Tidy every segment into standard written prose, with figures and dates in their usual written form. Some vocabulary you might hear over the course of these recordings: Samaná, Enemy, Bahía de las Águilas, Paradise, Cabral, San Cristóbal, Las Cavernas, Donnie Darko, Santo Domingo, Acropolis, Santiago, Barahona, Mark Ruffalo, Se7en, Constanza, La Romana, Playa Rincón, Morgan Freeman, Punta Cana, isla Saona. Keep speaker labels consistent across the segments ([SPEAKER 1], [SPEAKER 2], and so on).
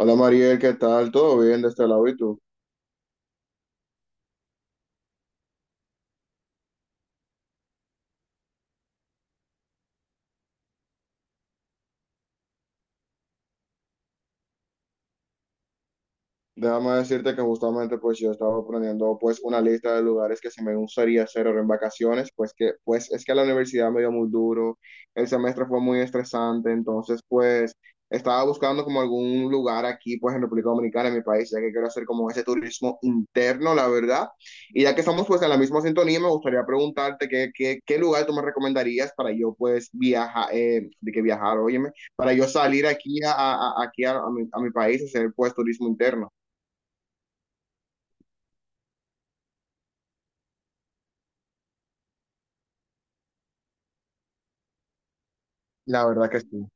[SPEAKER 1] Hola Mariel, ¿qué tal? ¿Todo bien de este lado y tú? Déjame decirte que justamente pues yo estaba planeando pues una lista de lugares que se me gustaría hacer ahora en vacaciones, pues que pues es que la universidad me dio muy duro, el semestre fue muy estresante, entonces pues estaba buscando como algún lugar aquí pues en República Dominicana, en mi país, ya que quiero hacer como ese turismo interno, la verdad. Y ya que estamos pues en la misma sintonía, me gustaría preguntarte qué, qué lugar tú me recomendarías para yo pues viajar, de que viajar, óyeme, para yo salir aquí aquí a mi país y hacer pues turismo interno. La verdad que sí.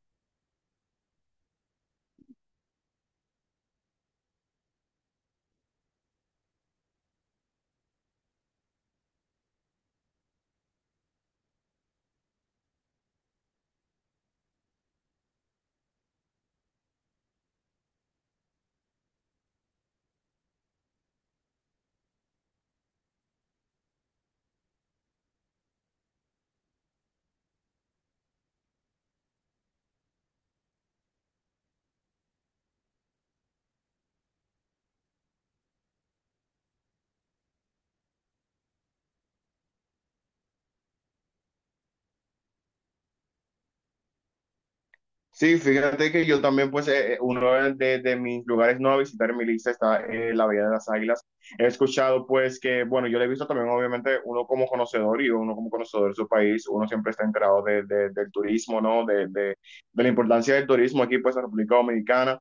[SPEAKER 1] Sí, fíjate que yo también, pues, uno mis lugares no a visitar en mi lista está la Bahía de las Águilas. He escuchado, pues, que, bueno, yo lo he visto también, obviamente, uno como conocedor y uno como conocedor de su país, uno siempre está enterado del turismo, ¿no? De la importancia del turismo aquí, pues, en República Dominicana.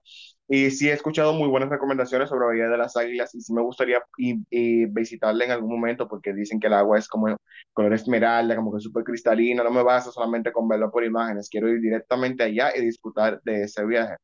[SPEAKER 1] Y sí he escuchado muy buenas recomendaciones sobre la Bahía de las Águilas y sí me gustaría y visitarla en algún momento porque dicen que el agua es como color esmeralda, como que súper cristalino, no me baso solamente con verlo por imágenes, quiero ir directamente allá y disfrutar de ese viaje.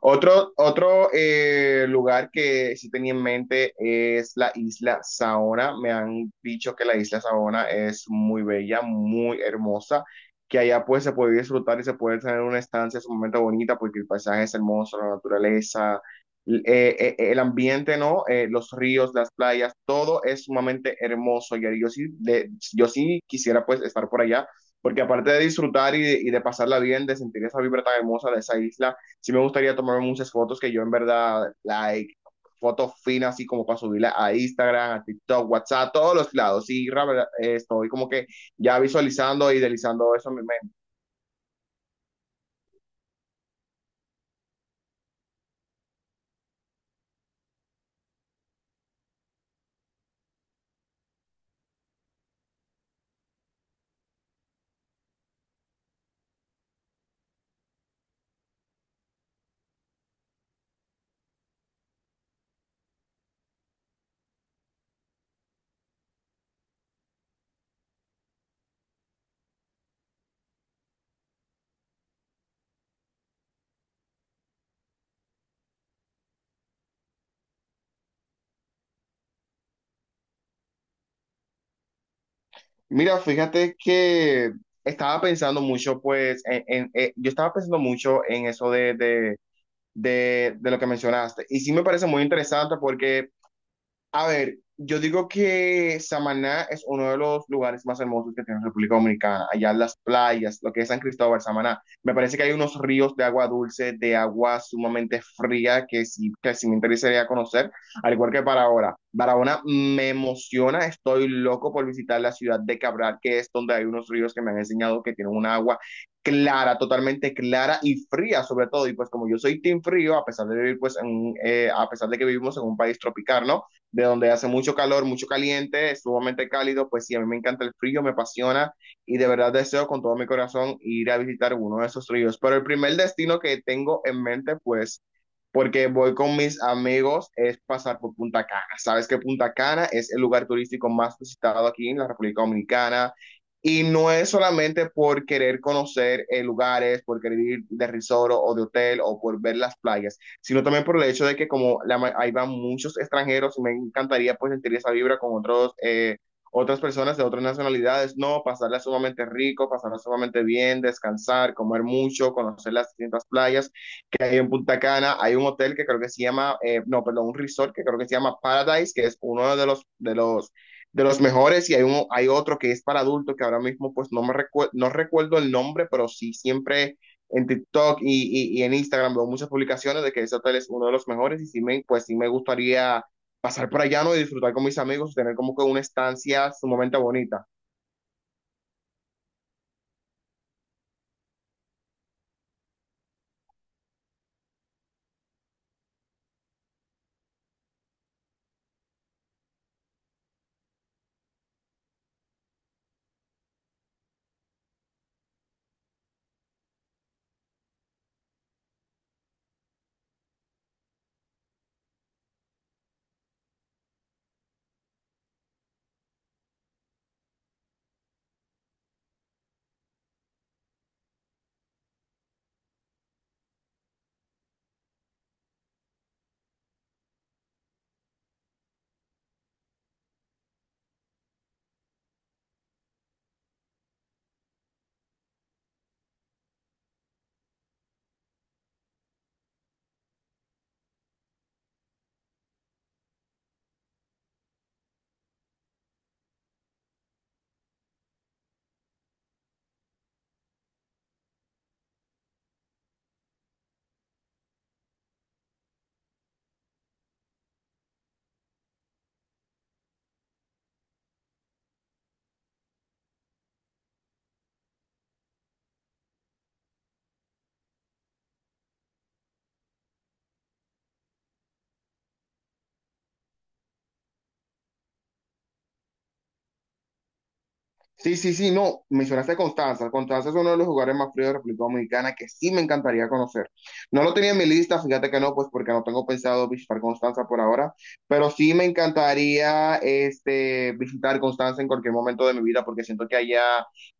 [SPEAKER 1] Otro lugar que sí tenía en mente es la isla Saona. Me han dicho que la isla Saona es muy bella, muy hermosa, que allá pues se puede disfrutar y se puede tener una estancia sumamente bonita porque el paisaje es hermoso, la naturaleza, el ambiente, ¿no? Los ríos, las playas, todo es sumamente hermoso. Y ahí yo sí, yo sí quisiera pues estar por allá porque aparte de disfrutar y de pasarla bien, de sentir esa vibra tan hermosa de esa isla, sí me gustaría tomarme muchas fotos que yo en verdad, like, fotos finas, así como para subirla a Instagram, a TikTok, WhatsApp, todos los lados. Sí, la verdad, estoy como que ya visualizando y idealizando eso en mi mente. Mira, fíjate que estaba pensando mucho, pues, yo estaba pensando mucho en eso de lo que mencionaste. Y sí me parece muy interesante porque, a ver, yo digo que Samaná es uno de los lugares más hermosos que tiene República Dominicana. Allá las playas, lo que es San Cristóbal, Samaná. Me parece que hay unos ríos de agua dulce, de agua sumamente fría, que sí me interesaría conocer, al igual que Barahona. Barahona me emociona, estoy loco por visitar la ciudad de Cabral, que es donde hay unos ríos que me han enseñado que tienen un agua clara, totalmente clara y fría sobre todo. Y pues como yo soy team frío, a pesar de vivir pues en, a pesar de que vivimos en un país tropical, ¿no? De donde hace mucho calor, mucho caliente, es sumamente cálido, pues sí, a mí me encanta el frío, me apasiona y de verdad deseo con todo mi corazón ir a visitar uno de esos ríos. Pero el primer destino que tengo en mente, pues, porque voy con mis amigos, es pasar por Punta Cana. Sabes que Punta Cana es el lugar turístico más visitado aquí en la República Dominicana. Y no es solamente por querer conocer lugares, por querer ir de resort o de hotel o por ver las playas, sino también por el hecho de que como ahí van muchos extranjeros, me encantaría pues sentir esa vibra con otros, otras personas de otras nacionalidades, no, pasarla sumamente rico, pasarla sumamente bien, descansar, comer mucho, conocer las distintas playas que hay en Punta Cana. Hay un hotel que creo que se llama, no, perdón, un resort que creo que se llama Paradise, que es uno de los mejores, y hay, un, hay otro que es para adultos, que ahora mismo pues no recuerdo el nombre, pero sí siempre en TikTok y en Instagram veo muchas publicaciones de que ese hotel es uno de los mejores, y pues sí me gustaría pasar por allá, ¿no? Y disfrutar con mis amigos, tener como que una estancia sumamente bonita. Sí, sí, sí, no, mencionaste a Constanza. Constanza es uno de los jugadores más fríos de República Dominicana que sí me encantaría conocer. No lo tenía en mi lista, fíjate que no, pues porque no tengo pensado visitar Constanza por ahora, pero sí me encantaría este, visitar Constanza en cualquier momento de mi vida porque siento que allá,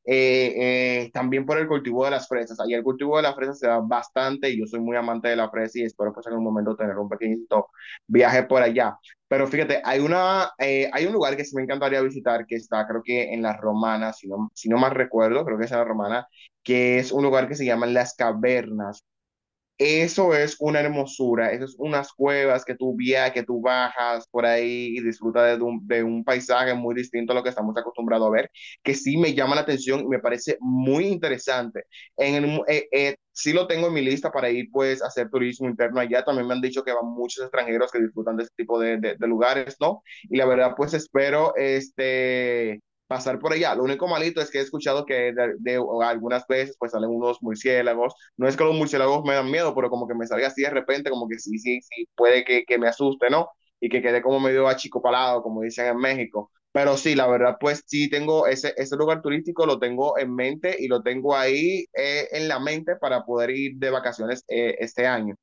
[SPEAKER 1] eh, también por el cultivo de las fresas, allá el cultivo de las fresas se da bastante y yo soy muy amante de la fresa y espero pues en algún momento tener un pequeñito viaje por allá. Pero fíjate, hay una, hay un lugar que sí me encantaría visitar, que está creo que en La Romana, si no, si no mal recuerdo, creo que es en La Romana, que es un lugar que se llama Las Cavernas. Eso es una hermosura, eso es unas cuevas que tú viajas, que tú bajas por ahí y disfrutas de un paisaje muy distinto a lo que estamos acostumbrados a ver, que sí me llama la atención y me parece muy interesante. Sí lo tengo en mi lista para ir pues a hacer turismo interno allá, también me han dicho que van muchos extranjeros que disfrutan de este tipo de lugares, ¿no? Y la verdad pues espero este pasar por allá. Lo único malito es que he escuchado que de algunas veces pues salen unos murciélagos. No es que los murciélagos me dan miedo, pero como que me salga así de repente, como que sí, sí, sí, puede que me asuste, ¿no? Y que quede como medio achicopalado, como dicen en México. Pero sí, la verdad, pues sí tengo ese lugar turístico, lo tengo en mente y lo tengo ahí en la mente para poder ir de vacaciones este año.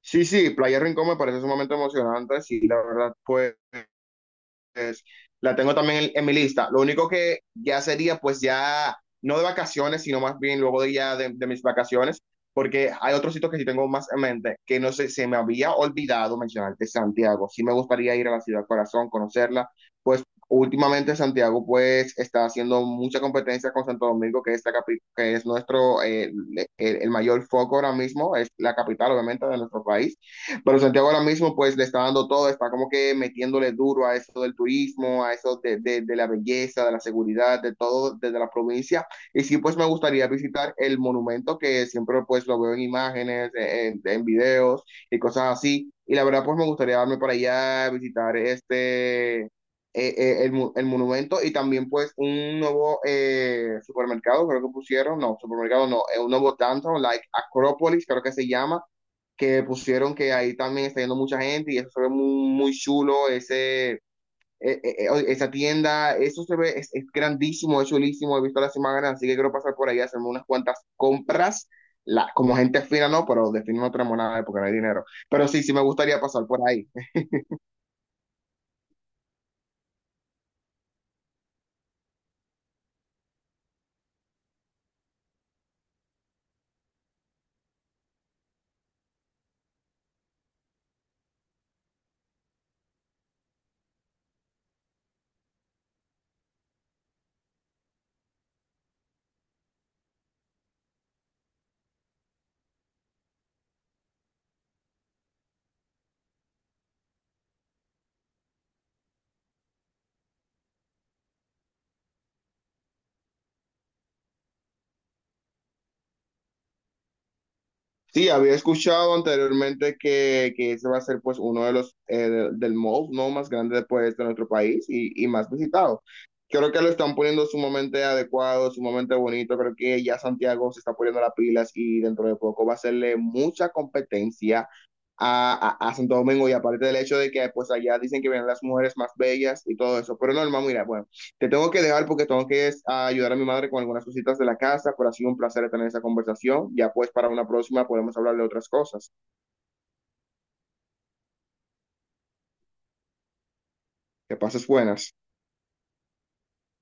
[SPEAKER 1] Sí, sí, Playa Rincón me parece sumamente emocionante, sí, la verdad, pues la tengo también en mi lista. Lo único que ya sería, pues ya, no de vacaciones, sino más bien luego de ya de mis vacaciones, porque hay otros sitios que sí tengo más en mente, que no sé, se me había olvidado mencionarte Santiago. Sí me gustaría ir a la ciudad corazón, conocerla, pues. Últimamente Santiago pues está haciendo mucha competencia con Santo Domingo, que es, que es nuestro, el mayor foco ahora mismo, es la capital obviamente de nuestro país. Pero Santiago ahora mismo pues le está dando todo, está como que metiéndole duro a eso del turismo, a eso de la belleza, de la seguridad, de todo desde la provincia. Y sí pues me gustaría visitar el monumento que siempre pues lo veo en imágenes, en videos y cosas así. Y la verdad pues me gustaría darme para allá, visitar este... El monumento y también pues un nuevo supermercado, creo que pusieron, no, supermercado no, un nuevo downtown, like Acropolis, creo que se llama, que pusieron, que ahí también está yendo mucha gente y eso se ve muy, muy chulo, ese, esa tienda, eso se ve, es grandísimo, es chulísimo, he visto las imágenes, así que quiero pasar por ahí a hacerme unas cuantas compras, la, como gente fina no, pero de fin no tenemos nada porque no hay dinero, pero sí, sí me gustaría pasar por ahí. Sí, había escuchado anteriormente que ese va a ser pues uno de los del mall no más grande pues, de nuestro país y más visitado. Creo que lo están poniendo sumamente adecuado, sumamente bonito. Creo que ya Santiago se está poniendo las pilas y dentro de poco va a hacerle mucha competencia a Santo Domingo y aparte del hecho de que pues allá dicen que vienen las mujeres más bellas y todo eso, pero normal, mira, bueno, te tengo que dejar porque tengo que es, a ayudar a mi madre con algunas cositas de la casa, pero ha sido un placer tener esa conversación. Ya pues para una próxima podemos hablar de otras cosas. Que pases buenas.